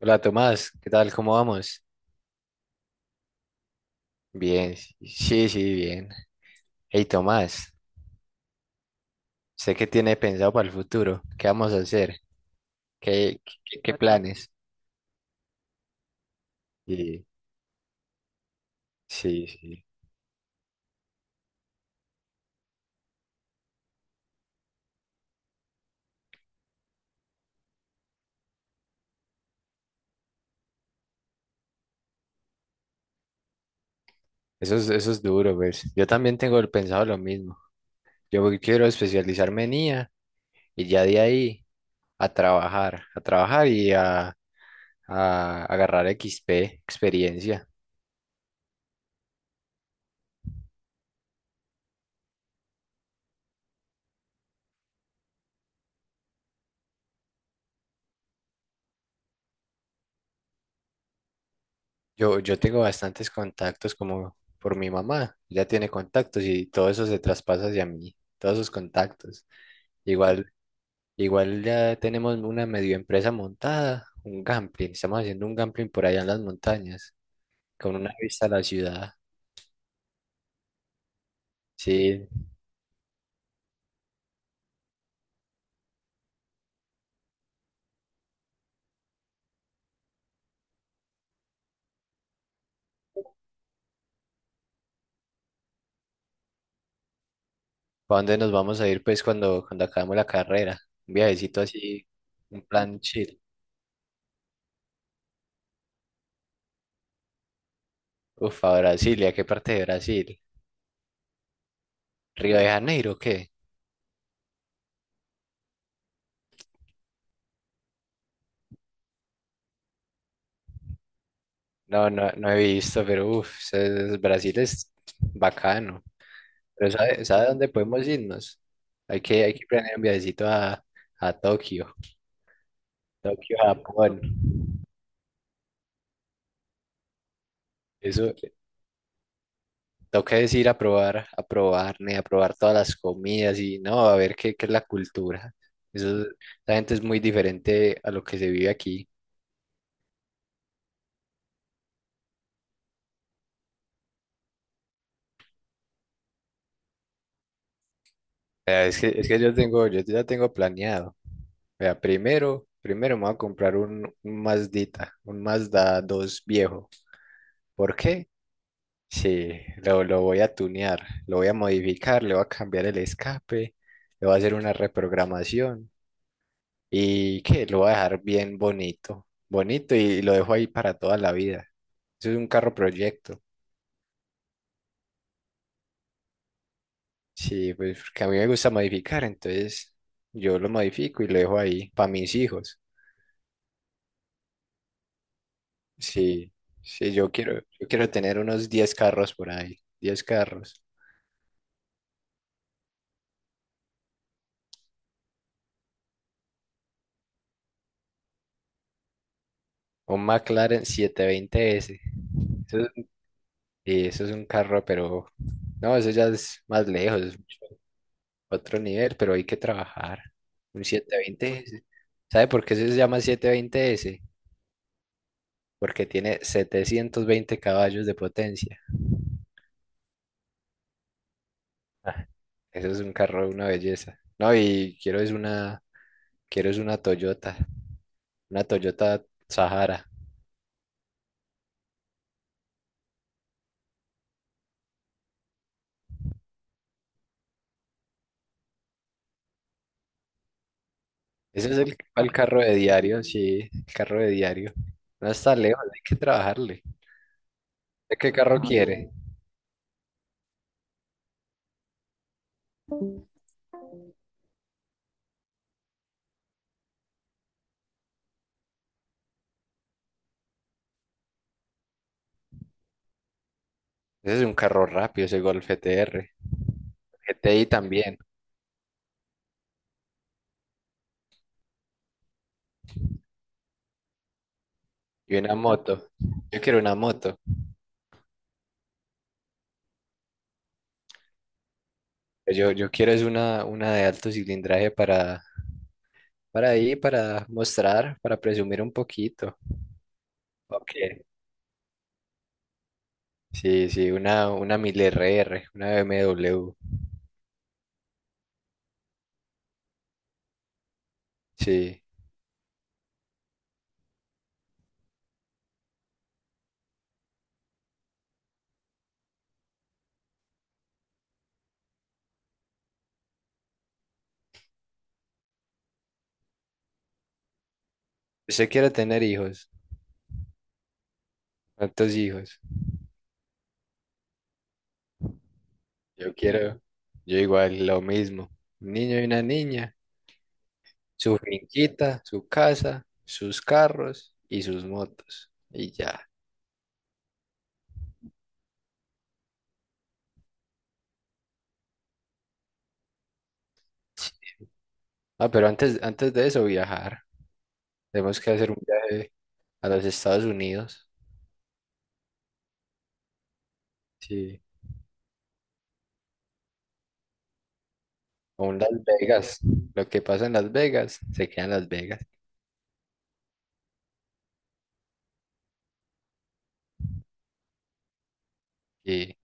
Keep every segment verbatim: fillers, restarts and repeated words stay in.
Hola Tomás, ¿qué tal? ¿Cómo vamos? Bien, sí, sí, bien. Hey Tomás, sé que tiene pensado para el futuro. ¿Qué vamos a hacer? ¿Qué, qué, qué planes? Sí, sí, sí. Eso es, eso es duro, pues. Yo también tengo el pensado lo mismo. Yo voy- quiero especializarme en i a y ya de ahí a trabajar, a trabajar y a, a agarrar equis pe, experiencia. Yo, yo tengo bastantes contactos como por mi mamá, ella tiene contactos y todo eso se traspasa hacia mí, todos esos contactos. Igual, igual ya tenemos una medio empresa montada, un gambling, estamos haciendo un gambling por allá en las montañas, con una vista a la ciudad. Sí, ¿para dónde nos vamos a ir pues cuando, cuando acabemos la carrera? Un viajecito así, un plan chill. Uf, a Brasilia, ¿qué parte de Brasil? ¿Río de Janeiro o qué? No, no, no he visto, pero uff, Brasil es bacano. Pero ¿sabe, sabe dónde podemos irnos? Hay que, hay que planear un viajecito a, a Tokio, Tokio, Japón. Eso, toca es ir a probar, a probar, ne, a probar todas las comidas y no, a ver qué, qué, es la cultura. Eso, la gente es muy diferente a lo que se vive aquí. Eh, Es que, es que yo tengo, yo ya tengo planeado. Vea, primero, primero me voy a comprar un, un Mazdita, un Mazda dos viejo. ¿Por qué? Sí, lo, lo voy a tunear, lo voy a modificar, le voy a cambiar el escape, le voy a hacer una reprogramación y que lo voy a dejar bien bonito, bonito y lo dejo ahí para toda la vida. Eso es un carro proyecto. Sí, pues porque a mí me gusta modificar, entonces yo lo modifico y lo dejo ahí para mis hijos. Sí, sí, yo quiero, yo quiero tener unos diez carros por ahí, diez carros. Un McLaren setecientos veinte s. Eso es, un- y eso es un carro. Pero no, eso ya es más lejos, es otro nivel, pero hay que trabajar. Un setecientos veinte s. ¿Sabe por qué se llama setecientos veinte s? Porque tiene setecientos veinte caballos de potencia. Ah, eso es un carro, una belleza. No, y quiero es una, quiero es una, Toyota, una Toyota Sahara. Ese es el, el carro de diario, sí, el carro de diario. No está lejos, hay que trabajarle. ¿De qué carro quiere? Ese es un carro rápido, ese Golf G T R G T I también. Y una moto. Yo quiero una moto. Yo, yo quiero es una, una de alto cilindraje para, para ahí, para mostrar, para presumir un poquito. Ok. Sí, sí, una, una mil r r, una b m w. Sí. ¿Usted quiere tener hijos? ¿Cuántos hijos? Yo quiero, yo igual, lo mismo. Un niño y una niña. Su finquita, su casa, sus carros y sus motos. Y ya. Sí. Ah, pero antes, antes de eso, viajar. Tenemos que hacer un viaje. A los Estados Unidos. Sí. O un Las Vegas. Lo que pasa en Las Vegas se queda en Las Vegas y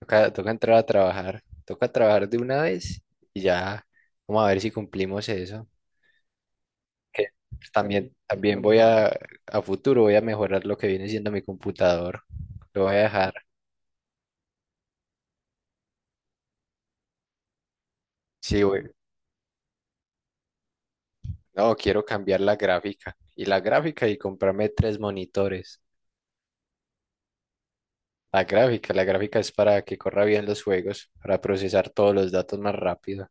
toca, toca entrar a trabajar. Toca trabajar de una vez y ya vamos a ver si cumplimos eso. Que también, también voy a, a futuro, voy a mejorar lo que viene siendo mi computador. Lo voy a dejar. Sí, voy- no, quiero cambiar la gráfica. Y la gráfica y comprarme tres monitores. La gráfica, la gráfica es para que corra bien los juegos, para procesar todos los datos más rápido.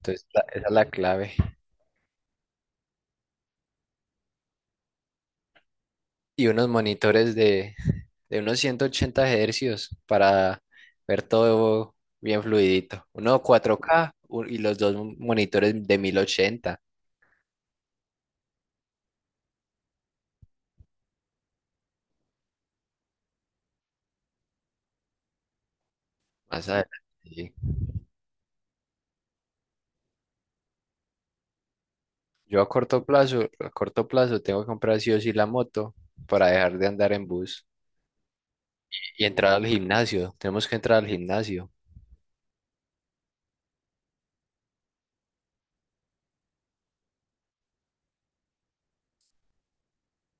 Entonces, la- esa es la clave. Y unos monitores de, de unos ciento ochenta hercios para ver todo bien fluidito. Uno cuatro k u- y los dos monitores de mil ochenta. Más adelante. Sí. Yo a corto plazo, a corto plazo tengo que comprar sí o sí la moto para dejar de andar en bus y entrar al gimnasio. Tenemos que entrar al gimnasio.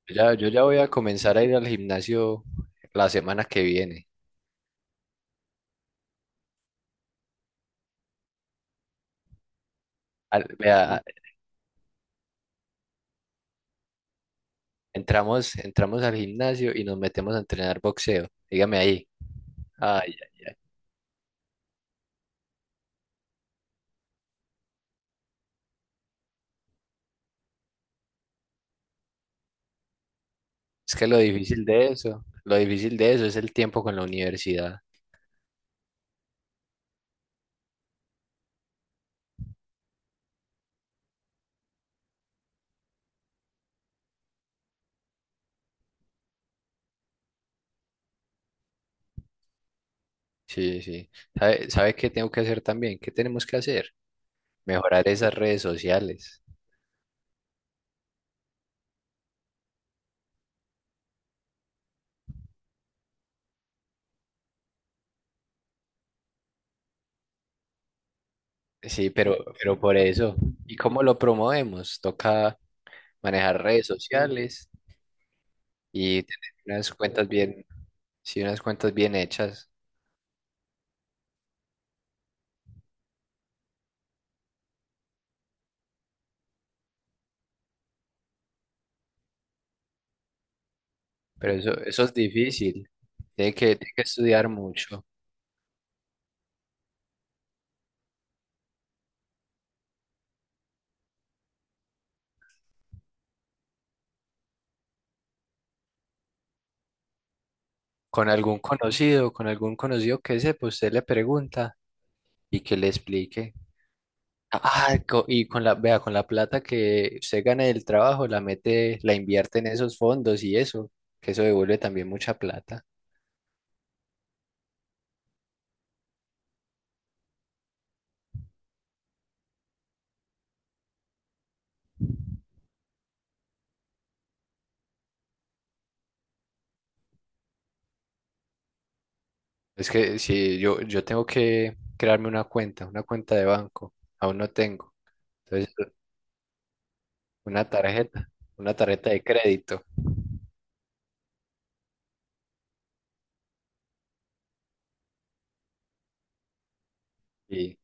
Yo Ya, yo ya voy a comenzar a ir al gimnasio la semana que viene. Al- vea, Entramos, entramos al gimnasio y nos metemos a entrenar boxeo. Dígame ahí. Ay, es que lo difícil de eso, lo difícil de eso es el tiempo con la universidad. Sí, sí. ¿Sabe, sabe qué tengo que hacer también? ¿Qué tenemos que hacer? Mejorar esas redes sociales. Sí, pero, pero por eso. ¿Y cómo lo promovemos? Toca manejar redes sociales y tener unas cuentas bien, sí, unas cuentas bien hechas. Pero eso, eso es difícil. Tiene que, tiene que estudiar mucho. con algún conocido, con algún conocido que sepa, usted le pregunta y que le explique. Ah, co- y con la, vea, con la plata que usted gana del trabajo, la mete, la invierte en esos fondos y eso, que eso devuelve también mucha plata. Es que si yo, yo tengo que crearme una cuenta, una cuenta de banco, aún no tengo. Entonces, una tarjeta, una tarjeta de crédito y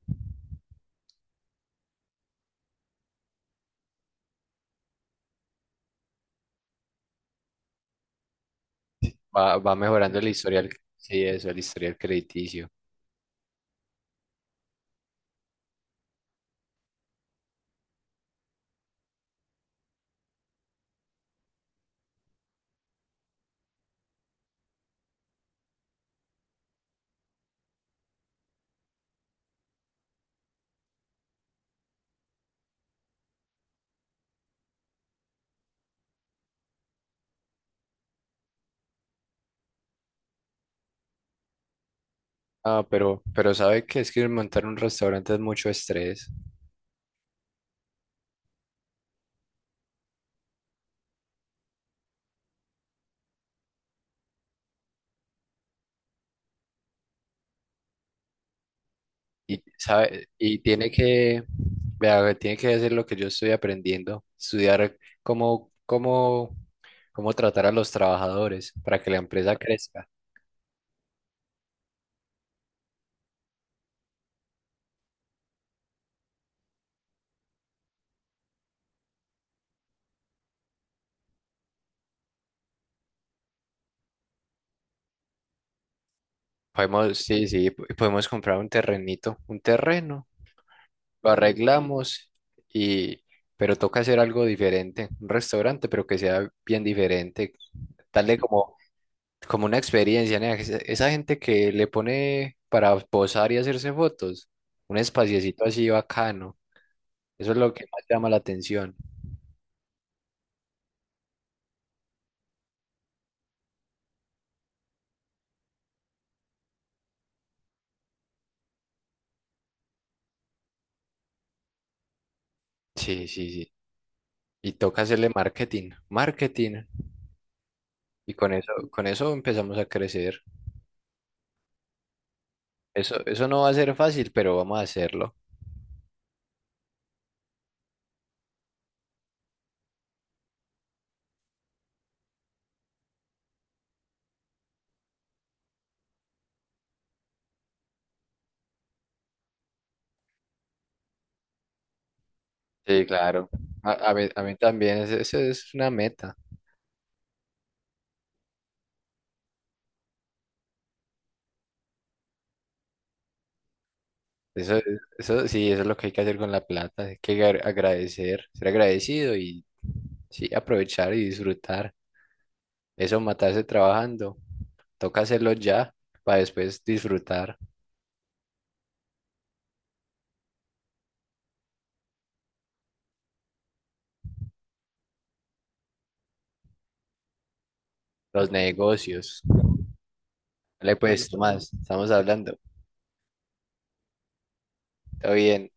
va, va mejorando el historial, sí, eso, el historial crediticio. Ah, pero, pero sabe que es que montar un restaurante es mucho estrés y sabe, y tiene que, vea, tiene que hacer lo que yo estoy aprendiendo, estudiar cómo, cómo, cómo tratar a los trabajadores para que la empresa crezca. Podemos, sí, sí, po- podemos comprar un terrenito, un terreno, lo arreglamos y, pero toca hacer algo diferente, un restaurante, pero que sea bien diferente, darle como como una experiencia, nea, que esa esa gente que le pone para posar y hacerse fotos, un espaciecito así bacano, eso es lo que más llama la atención. Sí, sí, sí. Y toca hacerle marketing, marketing. Y con eso, con eso empezamos a crecer. Eso, eso no va a ser fácil, pero vamos a hacerlo. Sí, claro. A, a mí, a mí también, es- esa es una meta. Eso, eso, sí, eso es lo que hay que hacer con la plata. Hay que agra- agradecer, ser agradecido y sí, aprovechar y disfrutar. Eso, matarse trabajando. Toca hacerlo ya para después disfrutar los negocios. Vale, pues, Tomás, estamos hablando. Todo bien.